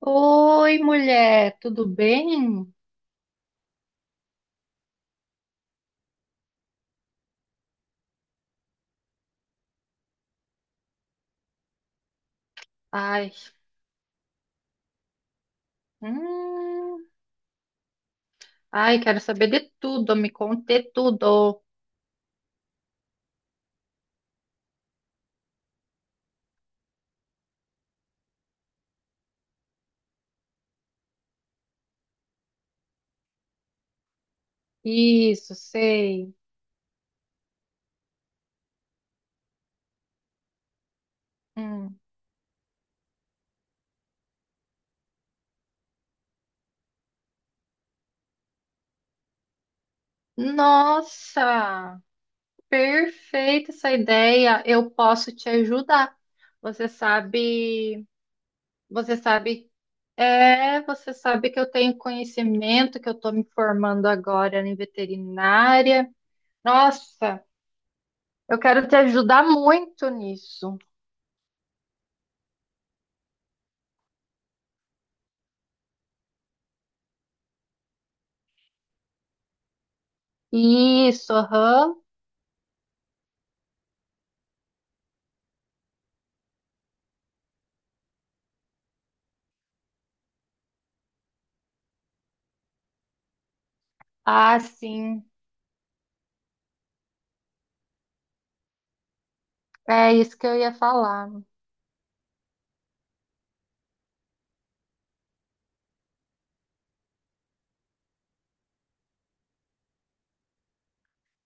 Oi, mulher, tudo bem? Ai, hum, ai, quero saber de tudo, me conte tudo. Isso, sei. Hum. Nossa, perfeita essa ideia. Eu posso te ajudar. Você sabe, você sabe, você sabe que eu tenho conhecimento, que eu estou me formando agora em veterinária. Nossa, eu quero te ajudar muito nisso. Isso, aham. Ah, sim. É isso que eu ia falar.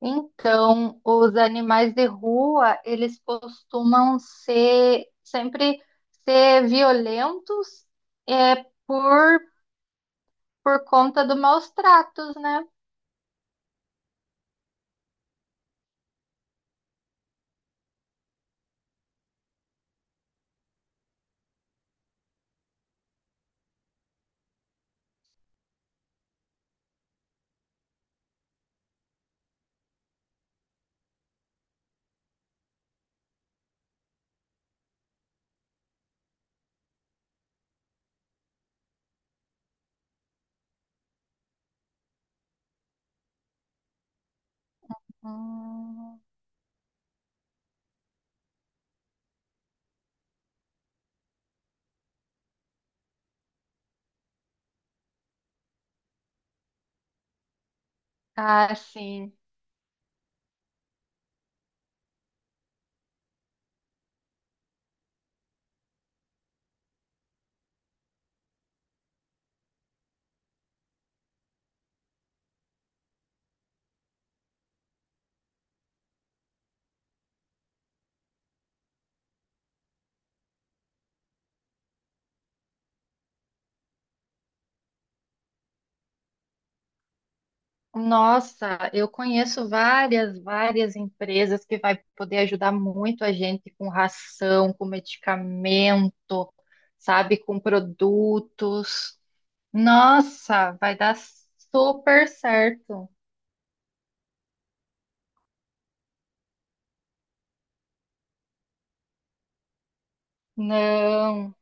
Então, os animais de rua, eles costumam ser sempre ser violentos é por por conta do maus tratos, né? Hum, ah, sim. Nossa, eu conheço várias, várias empresas que vai poder ajudar muito a gente com ração, com medicamento, sabe, com produtos. Nossa, vai dar super certo. Não,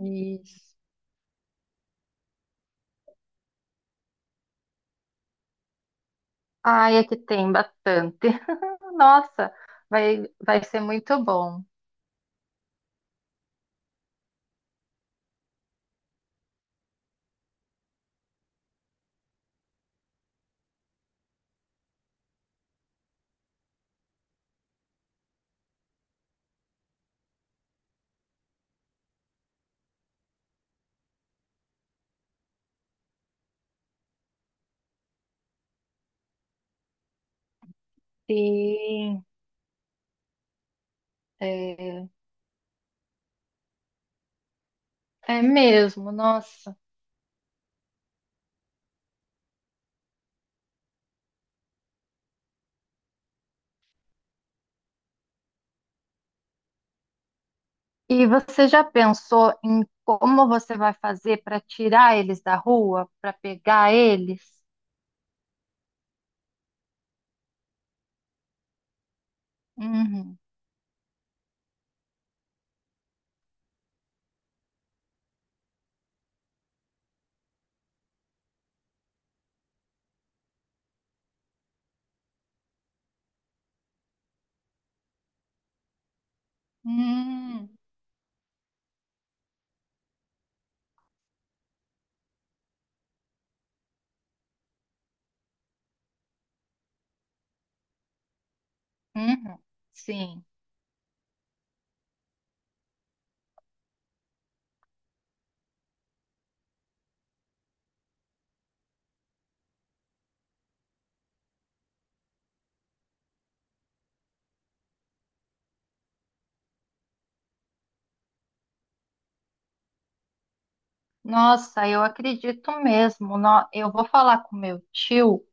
isso. Ai, é que tem bastante. Nossa, vai ser muito bom. Sim, é, é mesmo, nossa. E você já pensou em como você vai fazer para tirar eles da rua, para pegar eles? Uhum. Hum, uhum. Sim. Nossa, eu acredito mesmo. Eu vou falar com meu tio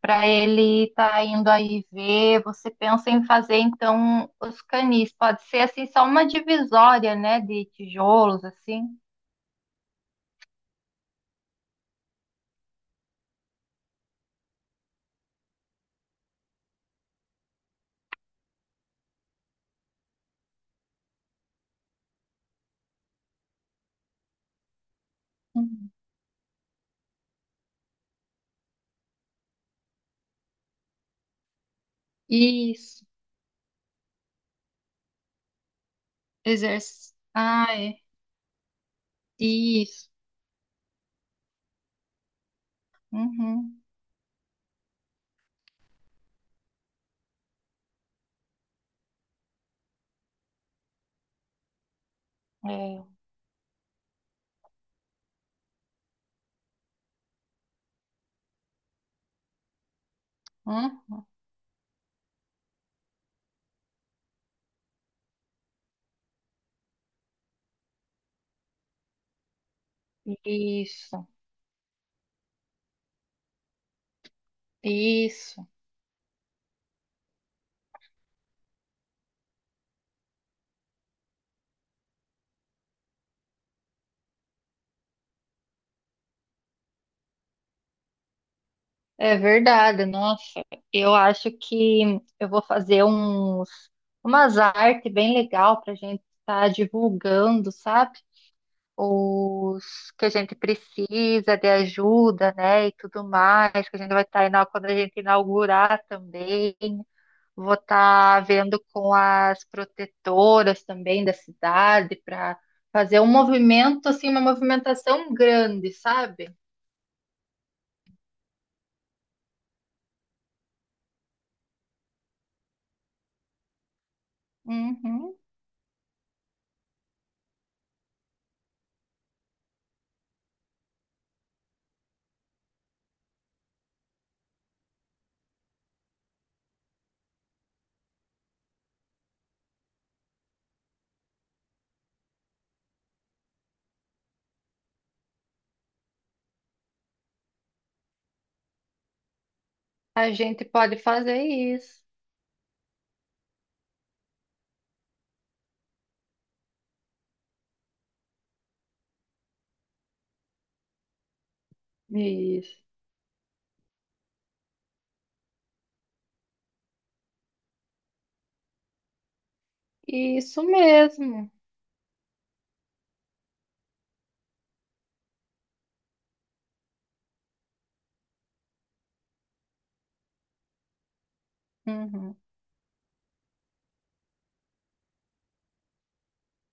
para ele estar indo aí ver. Você pensa em fazer então os canis? Pode ser assim só uma divisória, né, de tijolos assim. Uhum. Isso. Exerce. Ah, é. Isso. Uhum. É. Hum, isso, isso. É verdade, nossa. Eu acho que eu vou fazer umas artes bem legal para a gente estar divulgando, sabe? Os que a gente precisa de ajuda, né? E tudo mais, que a gente vai estar tá, quando a gente inaugurar também. Vou estar vendo com as protetoras também da cidade para fazer um movimento, assim, uma movimentação grande, sabe? Uhum. A gente pode fazer isso. Isso. Isso mesmo. Uhum.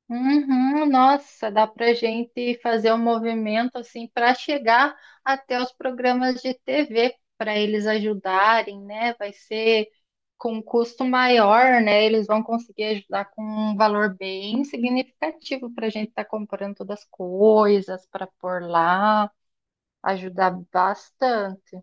Uhum. Nossa, dá para a gente fazer um movimento assim para chegar até os programas de TV para eles ajudarem, né? Vai ser com um custo maior, né? Eles vão conseguir ajudar com um valor bem significativo para a gente estar comprando todas as coisas para pôr lá, ajudar bastante.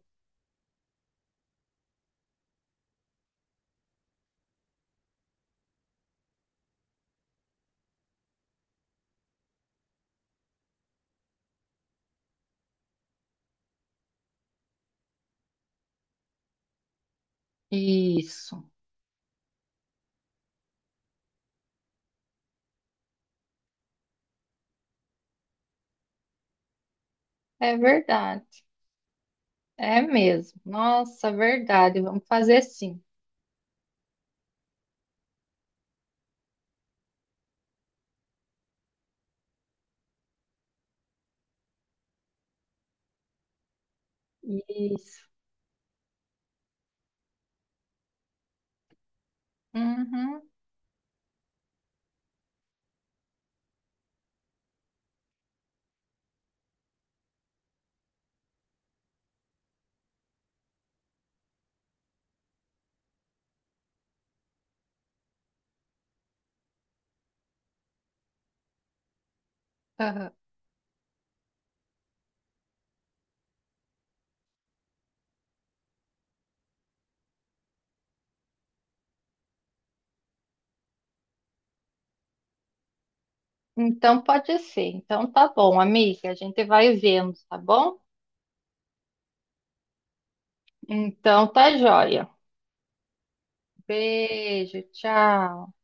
Isso. É verdade. É mesmo. Nossa, verdade. Vamos fazer sim. Isso. Uhum. Aham. Então pode ser. Então tá bom, amiga. A gente vai vendo, tá bom? Então tá joia. Beijo, tchau.